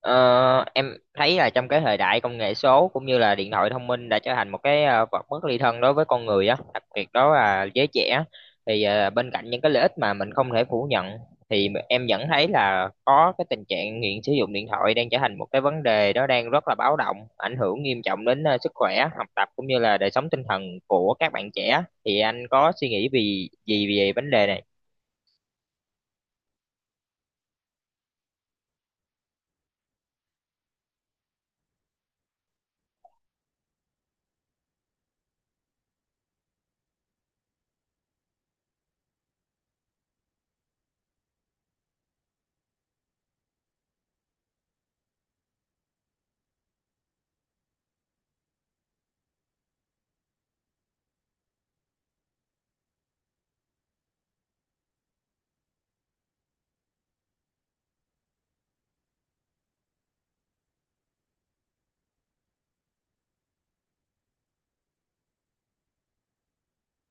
Ờ, em thấy là trong cái thời đại công nghệ số cũng như là điện thoại thông minh đã trở thành một cái vật bất ly thân đối với con người á, đặc biệt đó là giới trẻ. Thì bên cạnh những cái lợi ích mà mình không thể phủ nhận thì em vẫn thấy là có cái tình trạng nghiện sử dụng điện thoại đang trở thành một cái vấn đề đó đang rất là báo động, ảnh hưởng nghiêm trọng đến sức khỏe, học tập cũng như là đời sống tinh thần của các bạn trẻ. Thì anh có suy nghĩ vì gì về vấn đề này?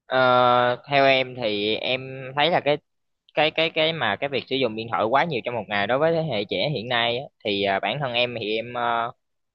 Ờ, Theo em thì em thấy là cái mà cái việc sử dụng điện thoại quá nhiều trong một ngày đối với thế hệ trẻ hiện nay á, thì bản thân em thì em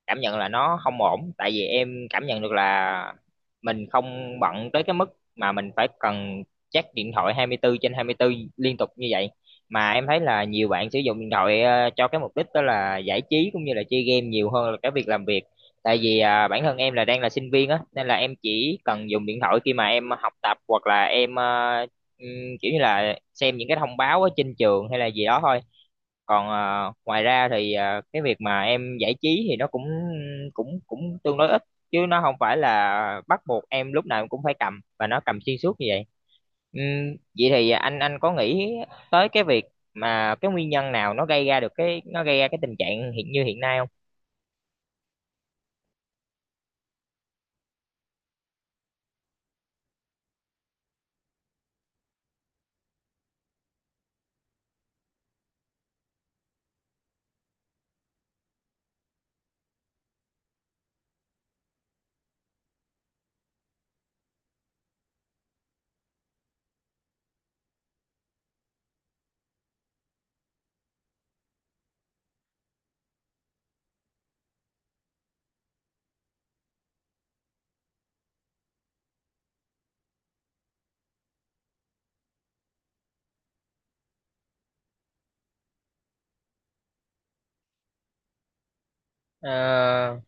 cảm nhận là nó không ổn, tại vì em cảm nhận được là mình không bận tới cái mức mà mình phải cần check điện thoại 24 trên 24 liên tục như vậy, mà em thấy là nhiều bạn sử dụng điện thoại cho cái mục đích đó là giải trí cũng như là chơi game nhiều hơn là cái việc làm việc, tại vì bản thân em là đang là sinh viên á, nên là em chỉ cần dùng điện thoại khi mà em học tập hoặc là em ờ, thôi kiểu như là xem những cái thông báo ở trên trường hay là gì đó thôi. Còn ngoài ra thì cái việc mà em giải trí thì nó cũng cũng cũng tương đối ít, chứ nó không phải là bắt buộc em lúc nào em cũng phải cầm và nó cầm xuyên suốt như vậy. Vậy thì anh có nghĩ tới cái việc mà cái nguyên nhân nào nó gây ra được cái nó gây ra cái tình trạng hiện như hiện nay không? Ờ,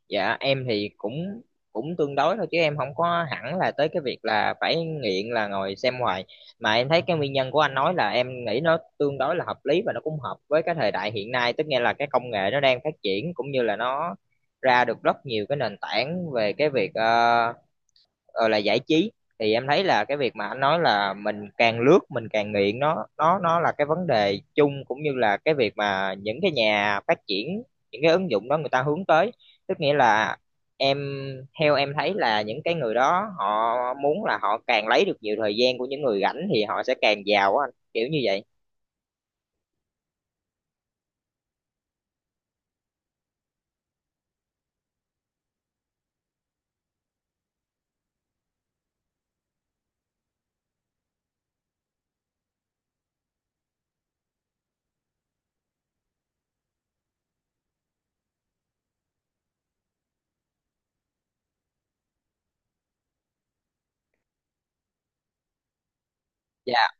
dạ em thì cũng cũng tương đối thôi, chứ em không có hẳn là tới cái việc là phải nghiện là ngồi xem hoài, mà em thấy cái nguyên nhân của anh nói là em nghĩ nó tương đối là hợp lý, và nó cũng hợp với cái thời đại hiện nay, tức nghĩa là cái công nghệ nó đang phát triển cũng như là nó ra được rất nhiều cái nền tảng về cái việc là giải trí. Thì em thấy là cái việc mà anh nói là mình càng lướt mình càng nghiện, nó là cái vấn đề chung cũng như là cái việc mà những cái nhà phát triển những cái ứng dụng đó người ta hướng tới, tức nghĩa là em, theo em thấy là những cái người đó họ muốn là họ càng lấy được nhiều thời gian của những người rảnh thì họ sẽ càng giàu á anh, kiểu như vậy. Dạ.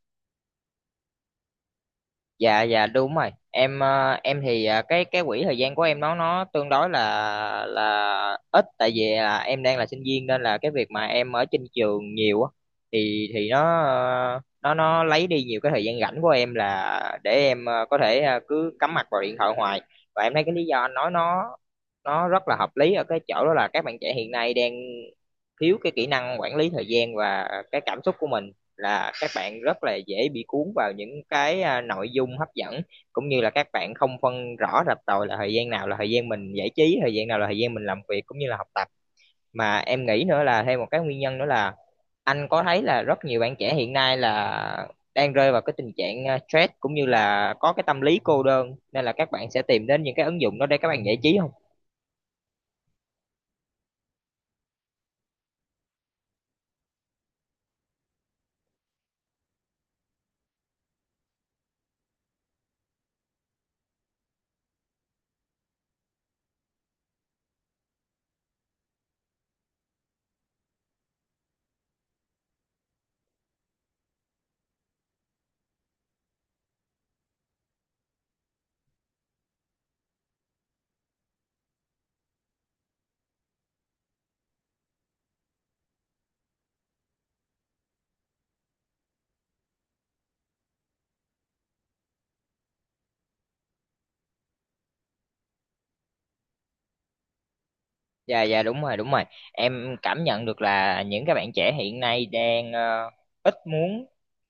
Dạ đúng rồi em, em thì cái quỹ thời gian của em nó tương đối là ít, tại vì là em đang là sinh viên nên là cái việc mà em ở trên trường nhiều á, thì nó ờ, nó lấy đi nhiều cái thời gian rảnh của em là để em có thể cứ cắm mặt vào điện thoại hoài. Và em thấy cái lý do anh nói nó rất là hợp lý ở cái chỗ đó là các bạn trẻ hiện nay đang thiếu cái kỹ năng quản lý thời gian và cái cảm xúc của mình, là các bạn rất là dễ bị cuốn vào những cái nội dung hấp dẫn, cũng như là các bạn không phân rõ rạch ròi là thời gian nào là thời gian mình giải trí, thời gian nào là thời gian mình làm việc cũng như là học tập. Mà em nghĩ nữa là thêm một cái nguyên nhân nữa là anh có thấy là rất nhiều bạn trẻ hiện nay là đang rơi vào cái tình trạng stress, cũng như là có cái tâm lý cô đơn, nên là các bạn sẽ tìm đến những cái ứng dụng đó để các bạn giải trí không? Dạ, dạ đúng rồi, đúng rồi, em cảm nhận được là những cái bạn trẻ hiện nay đang ít muốn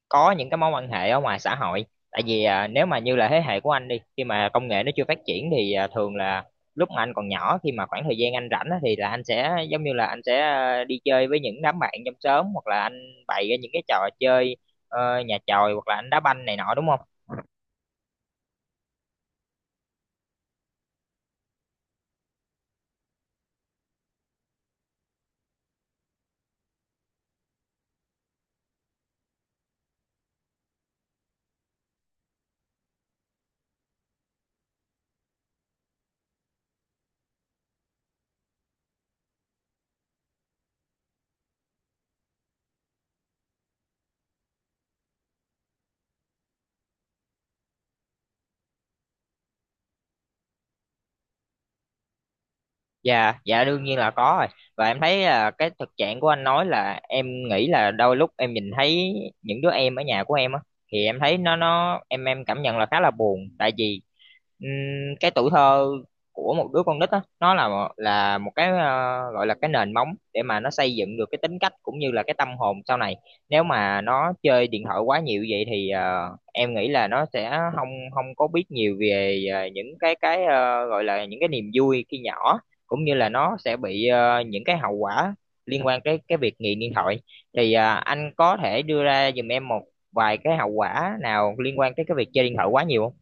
có những cái mối quan hệ ở ngoài xã hội, tại vì nếu mà như là thế hệ của anh đi, khi mà công nghệ nó chưa phát triển thì thường là lúc mà anh còn nhỏ, khi mà khoảng thời gian anh rảnh á, thì là anh sẽ giống như là anh sẽ đi chơi với những đám bạn trong xóm hoặc là anh bày ra những cái trò chơi nhà chòi, hoặc là anh đá banh này nọ đúng không? Dạ, dạ đương nhiên là có rồi. Và em thấy là cái thực trạng của anh nói, là em nghĩ là đôi lúc em nhìn thấy những đứa em ở nhà của em á, thì em thấy nó em cảm nhận là khá là buồn, tại vì ừm, cái tuổi thơ của một đứa con nít á, nó là một cái gọi là cái nền móng để mà nó xây dựng được cái tính cách cũng như là cái tâm hồn sau này. Nếu mà nó chơi điện thoại quá nhiều vậy thì em nghĩ là nó sẽ không không có biết nhiều về những cái gọi là những cái niềm vui khi nhỏ, cũng như là nó sẽ bị những cái hậu quả liên quan tới cái việc nghiện điện thoại. Thì anh có thể đưa ra giùm em một vài cái hậu quả nào liên quan tới cái việc chơi điện thoại quá nhiều không?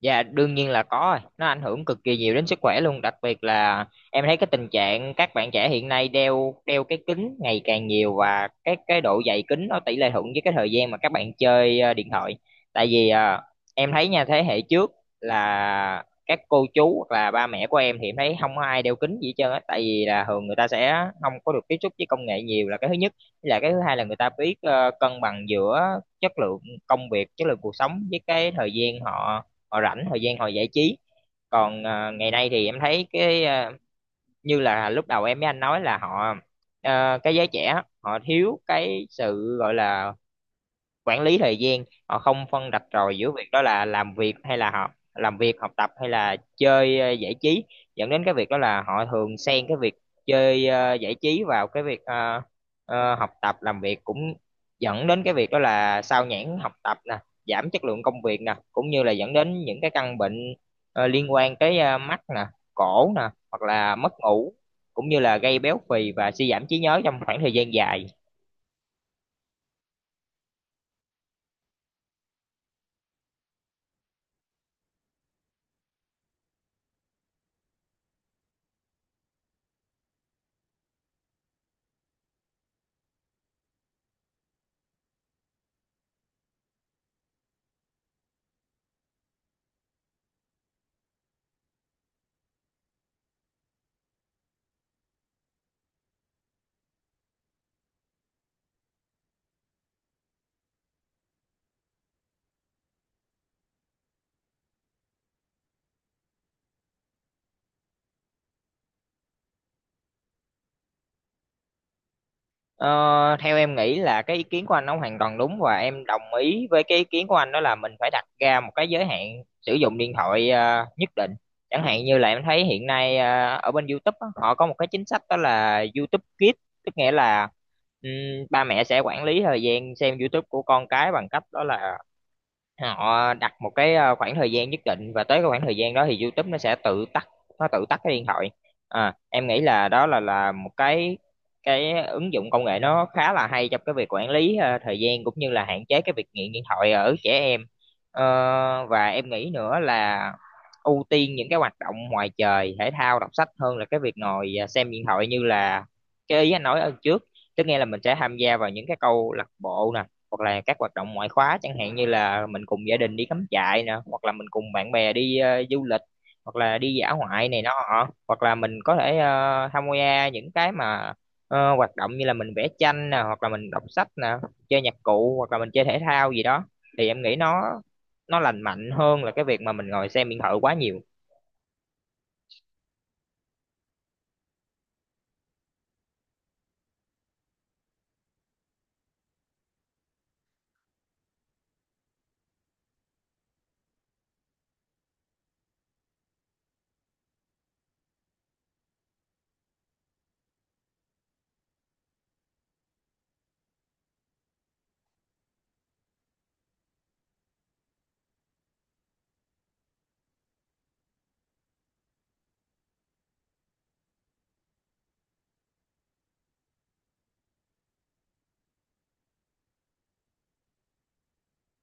Dạ đương nhiên là có rồi. Nó ảnh hưởng cực kỳ nhiều đến sức khỏe luôn, đặc biệt là em thấy cái tình trạng các bạn trẻ hiện nay đeo đeo cái kính ngày càng nhiều, và cái độ dày kính nó tỷ lệ thuận với cái thời gian mà các bạn chơi điện thoại. Tại vì em thấy nha, thế hệ trước là các cô chú hoặc là ba mẹ của em, thì em thấy không có ai đeo kính gì hết trơn á, tại vì là thường người ta sẽ không có được tiếp xúc với công nghệ nhiều là cái thứ nhất. Với lại cái thứ hai là người ta biết cân bằng giữa chất lượng công việc, chất lượng cuộc sống với cái thời gian họ họ rảnh, thời gian họ giải trí. Còn ngày nay thì em thấy cái như là lúc đầu em với anh nói là họ, cái giới trẻ họ thiếu cái sự gọi là quản lý thời gian, họ không phân rạch ròi giữa việc đó là làm việc hay là học, làm việc học tập hay là chơi giải trí, dẫn đến cái việc đó là họ thường xen cái việc chơi giải trí vào cái việc học tập làm việc, cũng dẫn đến cái việc đó là sao nhãng học tập nè, giảm chất lượng công việc nè, cũng như là dẫn đến những cái căn bệnh liên quan tới mắt nè, cổ nè, hoặc là mất ngủ, cũng như là gây béo phì và suy giảm trí nhớ trong khoảng thời gian dài. Ờ, Theo em nghĩ là cái ý kiến của anh nó hoàn toàn đúng, và em đồng ý với cái ý kiến của anh, đó là mình phải đặt ra một cái giới hạn sử dụng điện thoại nhất định. Chẳng hạn như là em thấy hiện nay ở bên YouTube á, họ có một cái chính sách đó là YouTube Kids, tức nghĩa là ừm, ba mẹ sẽ quản lý thời gian xem YouTube của con cái bằng cách đó là họ đặt một cái khoảng thời gian nhất định, và tới cái khoảng thời gian đó thì YouTube nó sẽ tự tắt, nó tự tắt cái điện thoại. Em nghĩ là đó là một cái ứng dụng công nghệ nó khá là hay trong cái việc quản lý thời gian cũng như là hạn chế cái việc nghiện điện thoại ở trẻ em. Và em nghĩ nữa là ưu tiên những cái hoạt động ngoài trời, thể thao, đọc sách, hơn là cái việc ngồi xem điện thoại, như là cái ý anh nói ở trước, tức nghe là mình sẽ tham gia vào những cái câu lạc bộ nè, hoặc là các hoạt động ngoại khóa, chẳng hạn như là mình cùng gia đình đi cắm trại nè, hoặc là mình cùng bạn bè đi du lịch, hoặc là đi dã ngoại này nọ, hoặc là mình có thể tham gia những cái hoạt động như là mình vẽ tranh nè, hoặc là mình đọc sách nè, chơi nhạc cụ, hoặc là mình chơi thể thao gì đó, thì em nghĩ nó lành mạnh hơn là cái việc mà mình ngồi xem điện thoại quá nhiều.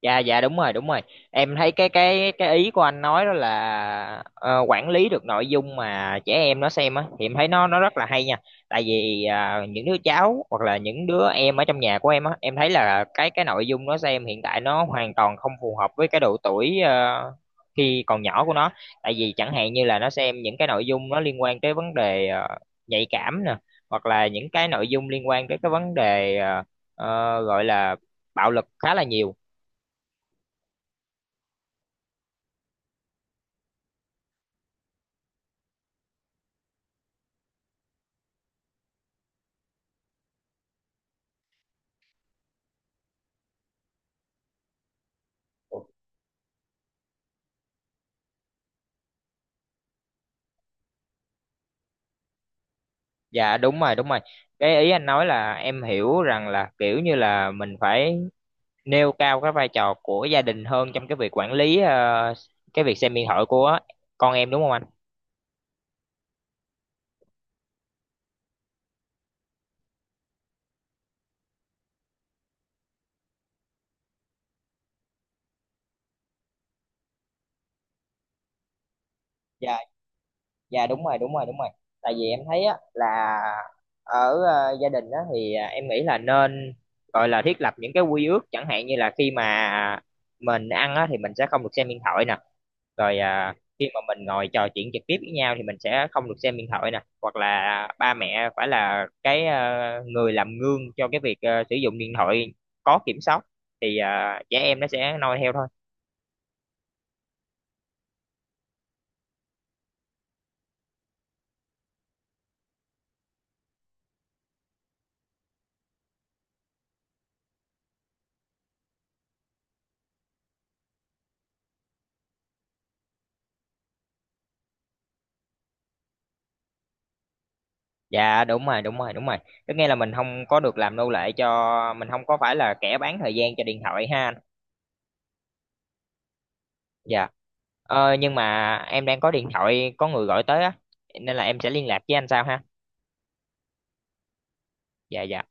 Dạ, dạ đúng rồi, đúng rồi, em thấy cái ý của anh nói đó là quản lý được nội dung mà trẻ em nó xem á, thì em thấy nó rất là hay nha, tại vì những đứa cháu hoặc là những đứa em ở trong nhà của em á, em thấy là cái nội dung nó xem hiện tại nó hoàn toàn không phù hợp với cái độ tuổi khi còn nhỏ của nó, tại vì chẳng hạn như là nó xem những cái nội dung nó liên quan tới vấn đề nhạy cảm nè, hoặc là những cái nội dung liên quan tới cái vấn đề gọi là bạo lực khá là nhiều. Dạ đúng rồi, đúng rồi. Cái ý anh nói là em hiểu rằng là kiểu như là mình phải nêu cao cái vai trò của gia đình hơn trong cái việc quản lý cái việc xem điện thoại của con em đúng không anh? Dạ, dạ đúng rồi, đúng rồi, đúng rồi. Tại vì em thấy á là ở gia đình á thì em nghĩ là nên gọi là thiết lập những cái quy ước, chẳng hạn như là khi mà mình ăn á thì mình sẽ không được xem điện thoại nè. Rồi khi mà mình ngồi trò chuyện trực tiếp với nhau thì mình sẽ không được xem điện thoại nè, hoặc là ba mẹ phải là cái người làm gương cho cái việc sử dụng điện thoại có kiểm soát, thì trẻ em nó sẽ noi theo thôi. Dạ đúng rồi, đúng rồi, đúng rồi, có nghĩa là mình không có được làm nô lệ cho mình, không có phải là kẻ bán thời gian cho điện thoại ha anh. Dạ, nhưng mà em đang có điện thoại có người gọi tới á, nên là em sẽ liên lạc với anh sau ha. Dạ dạ.